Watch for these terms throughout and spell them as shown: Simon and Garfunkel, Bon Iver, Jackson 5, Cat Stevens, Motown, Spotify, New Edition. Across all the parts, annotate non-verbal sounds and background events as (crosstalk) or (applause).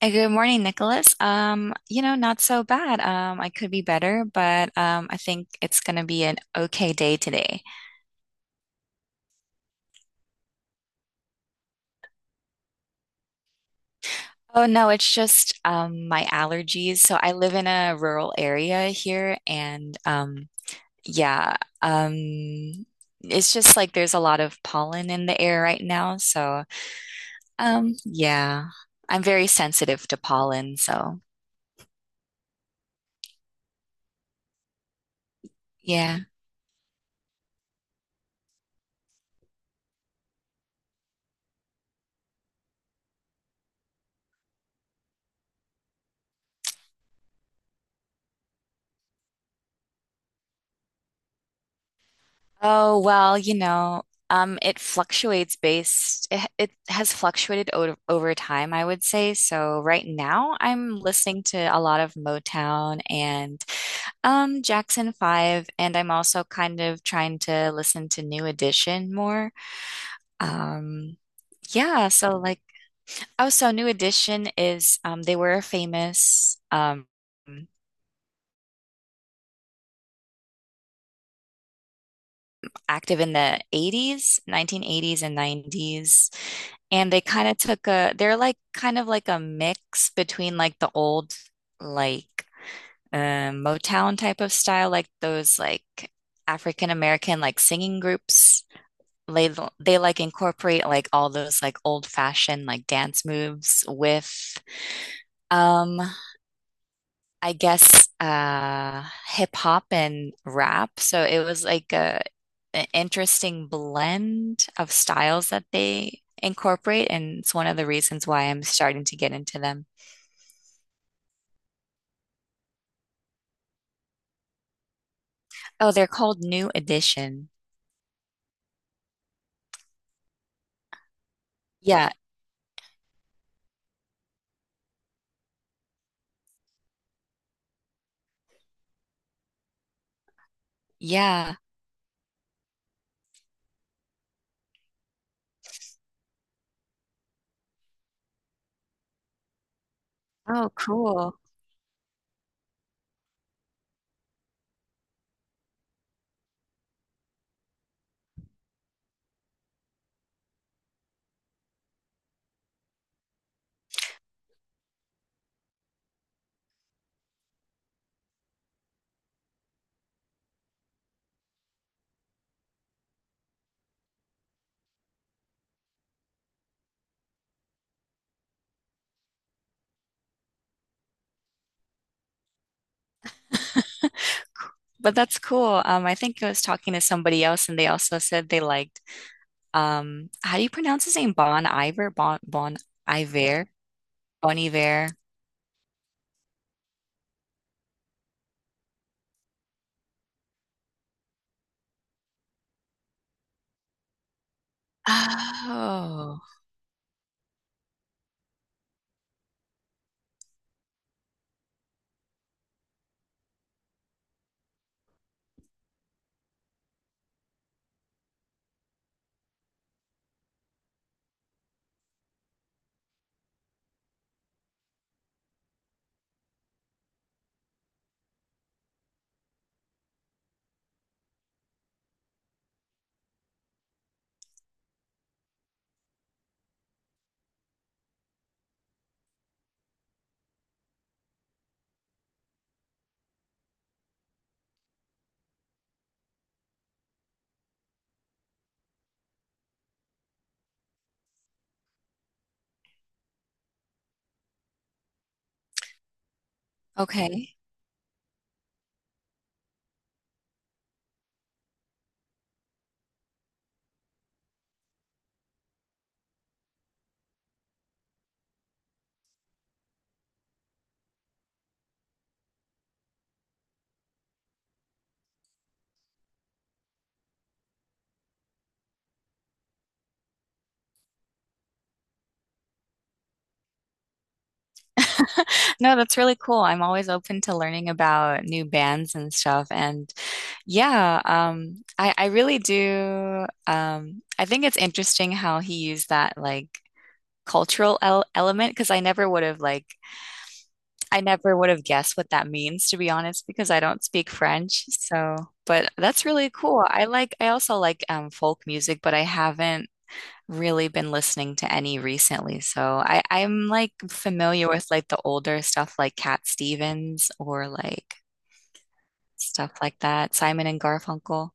Good morning, Nicholas. Not so bad. I could be better, but I think it's gonna be an okay day today. Oh no, it's just my allergies. So I live in a rural area here, and yeah, um, it's just like there's a lot of pollen in the air right now. So um, yeah, I'm very sensitive to pollen. So yeah. Oh, well, it fluctuates it has fluctuated o over time, I would say. So right now I'm listening to a lot of Motown and Jackson 5, and I'm also kind of trying to listen to New Edition more. Um, yeah, oh, so New Edition is, they were famous. Active in the 80s, 1980s and 90s. And they're like kind of like a mix between like the old, like Motown type of style, like those like African American like singing groups. They they like incorporate like all those like old fashioned like dance moves with um I guess hip hop and rap. So it was like a an interesting blend of styles that they incorporate, and it's one of the reasons why I'm starting to get into them. Oh, they're called New Edition. Yeah, yeah. Oh, cool. But that's cool. I think I was talking to somebody else, and they also said they liked how do you pronounce his name? Bon Iver, Bon Iver, Bon Iver. Oh, okay. (laughs) No, that's really cool. I'm always open to learning about new bands and stuff. And yeah, I really do. I think it's interesting how he used that like cultural el element because I never would have like I never would have guessed what that means to be honest because I don't speak French. So, but that's really cool. I like I also like folk music, but I haven't really been listening to any recently. So I, I'm like familiar with like the older stuff like Cat Stevens or like stuff like that, Simon and Garfunkel.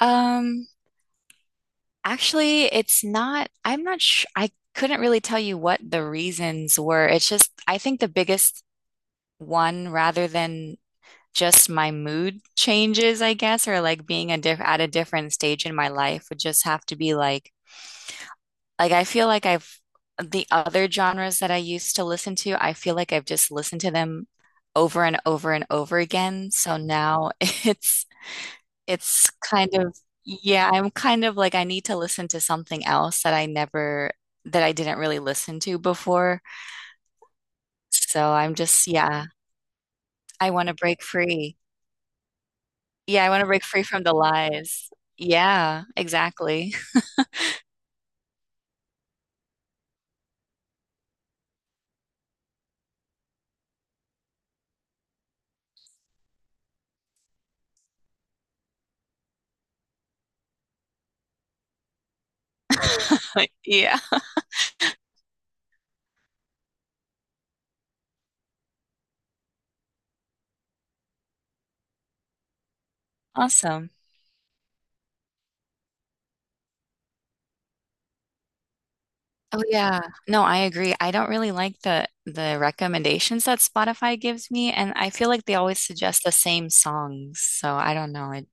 Um, Actually, it's not, I'm not sure. I couldn't really tell you what the reasons were. It's just, I think the biggest one, rather than just my mood changes, I guess, or like being a diff at a different stage in my life, would just have to be like I feel like I've the other genres that I used to listen to, I feel like I've just listened to them over and over and over again. So now (laughs) it's kind of yeah, I'm kind of like I need to listen to something else that I never that I didn't really listen to before. So I'm just yeah, I want to break free. Yeah, I want to break free from the lies. Yeah, exactly. (laughs) Yeah. Awesome. Oh yeah. No, I agree. I don't really like the recommendations that Spotify gives me, and I feel like they always suggest the same songs. So I don't know. It,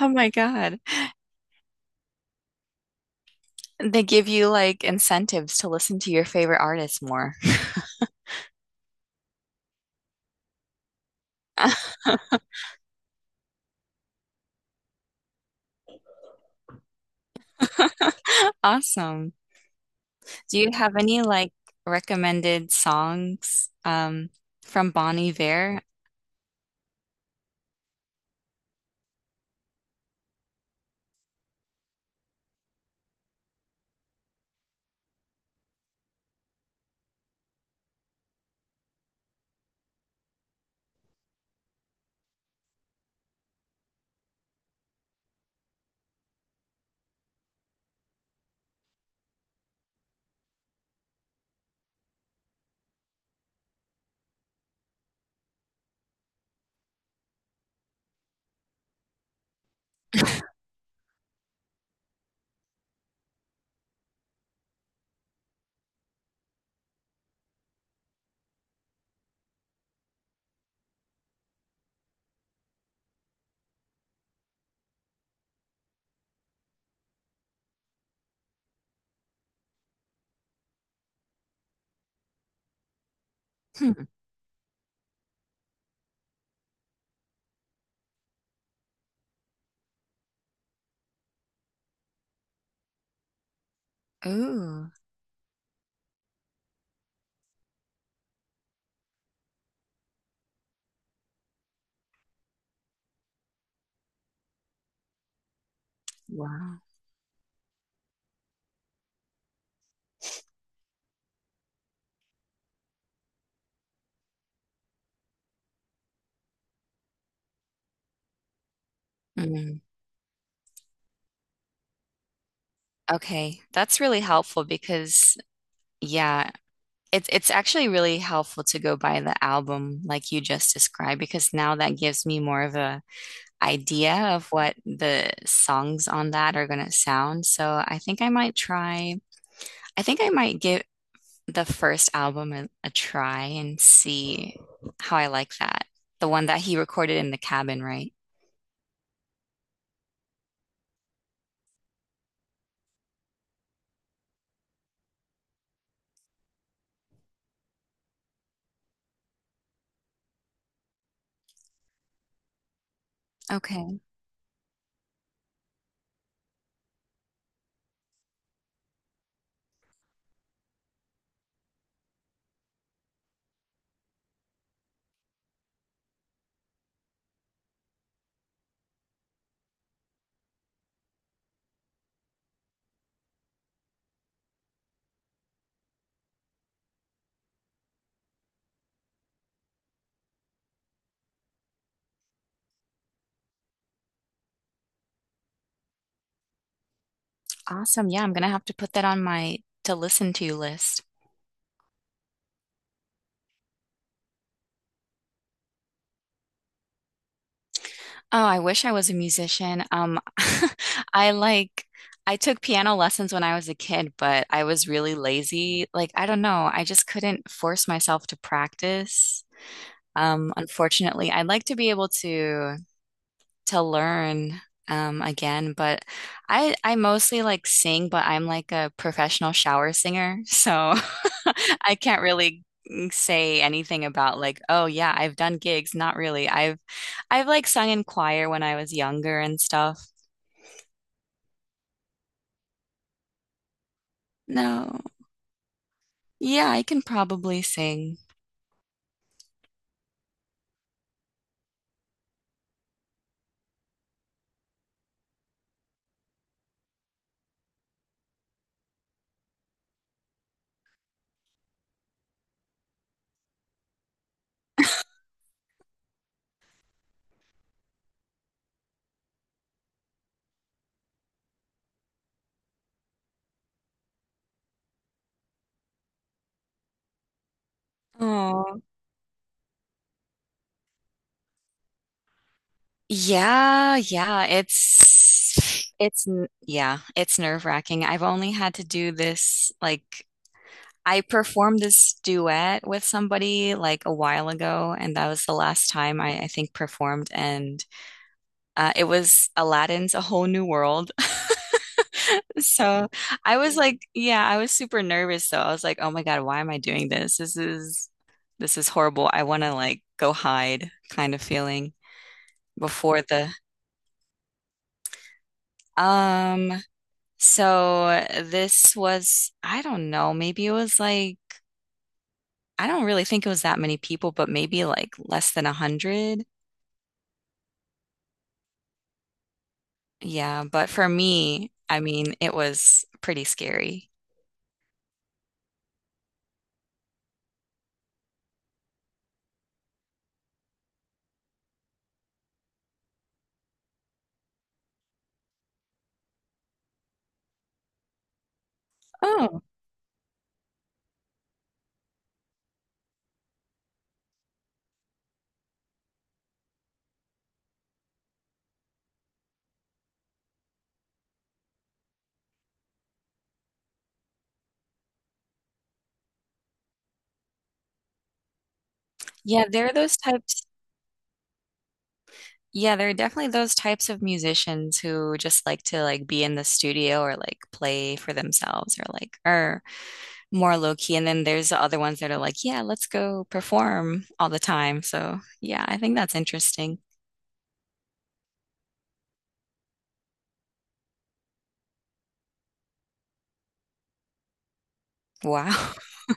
oh my God. (laughs) They give you like incentives to listen to your favorite artists more. (laughs) Awesome. Do you have any like recommended songs from Bon Iver? Hmm. Ooh, wow. Mm. Okay, that's really helpful because yeah, it's actually really helpful to go by the album like you just described because now that gives me more of a idea of what the songs on that are gonna sound. So I think I might try. I think I might give the first album a try and see how I like that. The one that he recorded in the cabin, right? Okay. Awesome. Yeah, I'm gonna have to put that on my to listen to list. Oh, I wish I was a musician. (laughs) I like I took piano lessons when I was a kid, but I was really lazy. Like, I don't know, I just couldn't force myself to practice. Unfortunately, I'd like to be able to learn again, but I mostly like sing, but I'm like a professional shower singer, so (laughs) I can't really say anything about like, oh yeah, I've done gigs. Not really. I've like sung in choir when I was younger and stuff. No. Yeah, I can probably sing. Oh. Yeah, yeah, yeah, it's nerve-wracking. I've only had to do this like I performed this duet with somebody like a while ago, and that was the last time I think performed, and it was Aladdin's A Whole New World. (laughs) So I was like, yeah, I was super nervous though. I was like, oh my God, why am I doing this? This is horrible. I want to like go hide kind of feeling before the um so this was I don't know, maybe it was like I don't really think it was that many people, but maybe like less than 100. Yeah, but for me, I mean, it was pretty scary. Oh, yeah, there are those types. Yeah, there are definitely those types of musicians who just like to like be in the studio or like play for themselves or like are more low key. And then there's the other ones that are like, yeah, let's go perform all the time. So yeah, I think that's interesting. Wow. (laughs)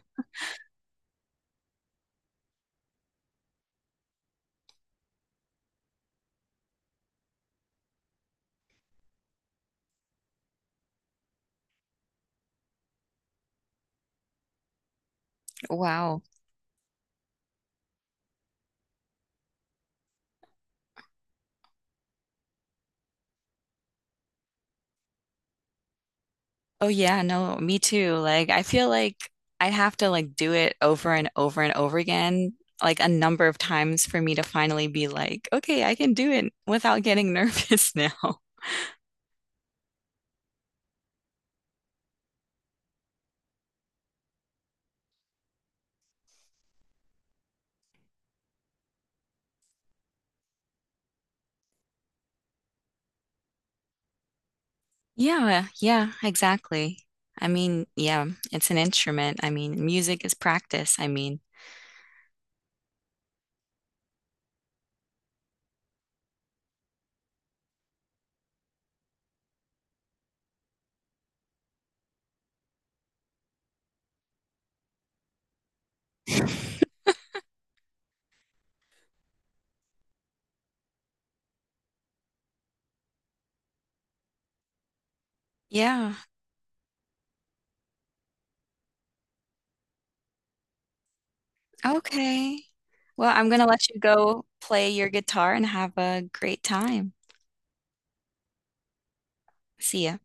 Wow. Oh yeah, no, me too. Like I feel like I'd have to like do it over and over and over again, like a number of times for me to finally be like, okay, I can do it without getting (laughs) nervous now. Yeah, yeah, exactly. I mean, yeah, it's an instrument. I mean, music is practice. I mean, yeah. Okay. Well, I'm gonna let you go play your guitar and have a great time. See ya.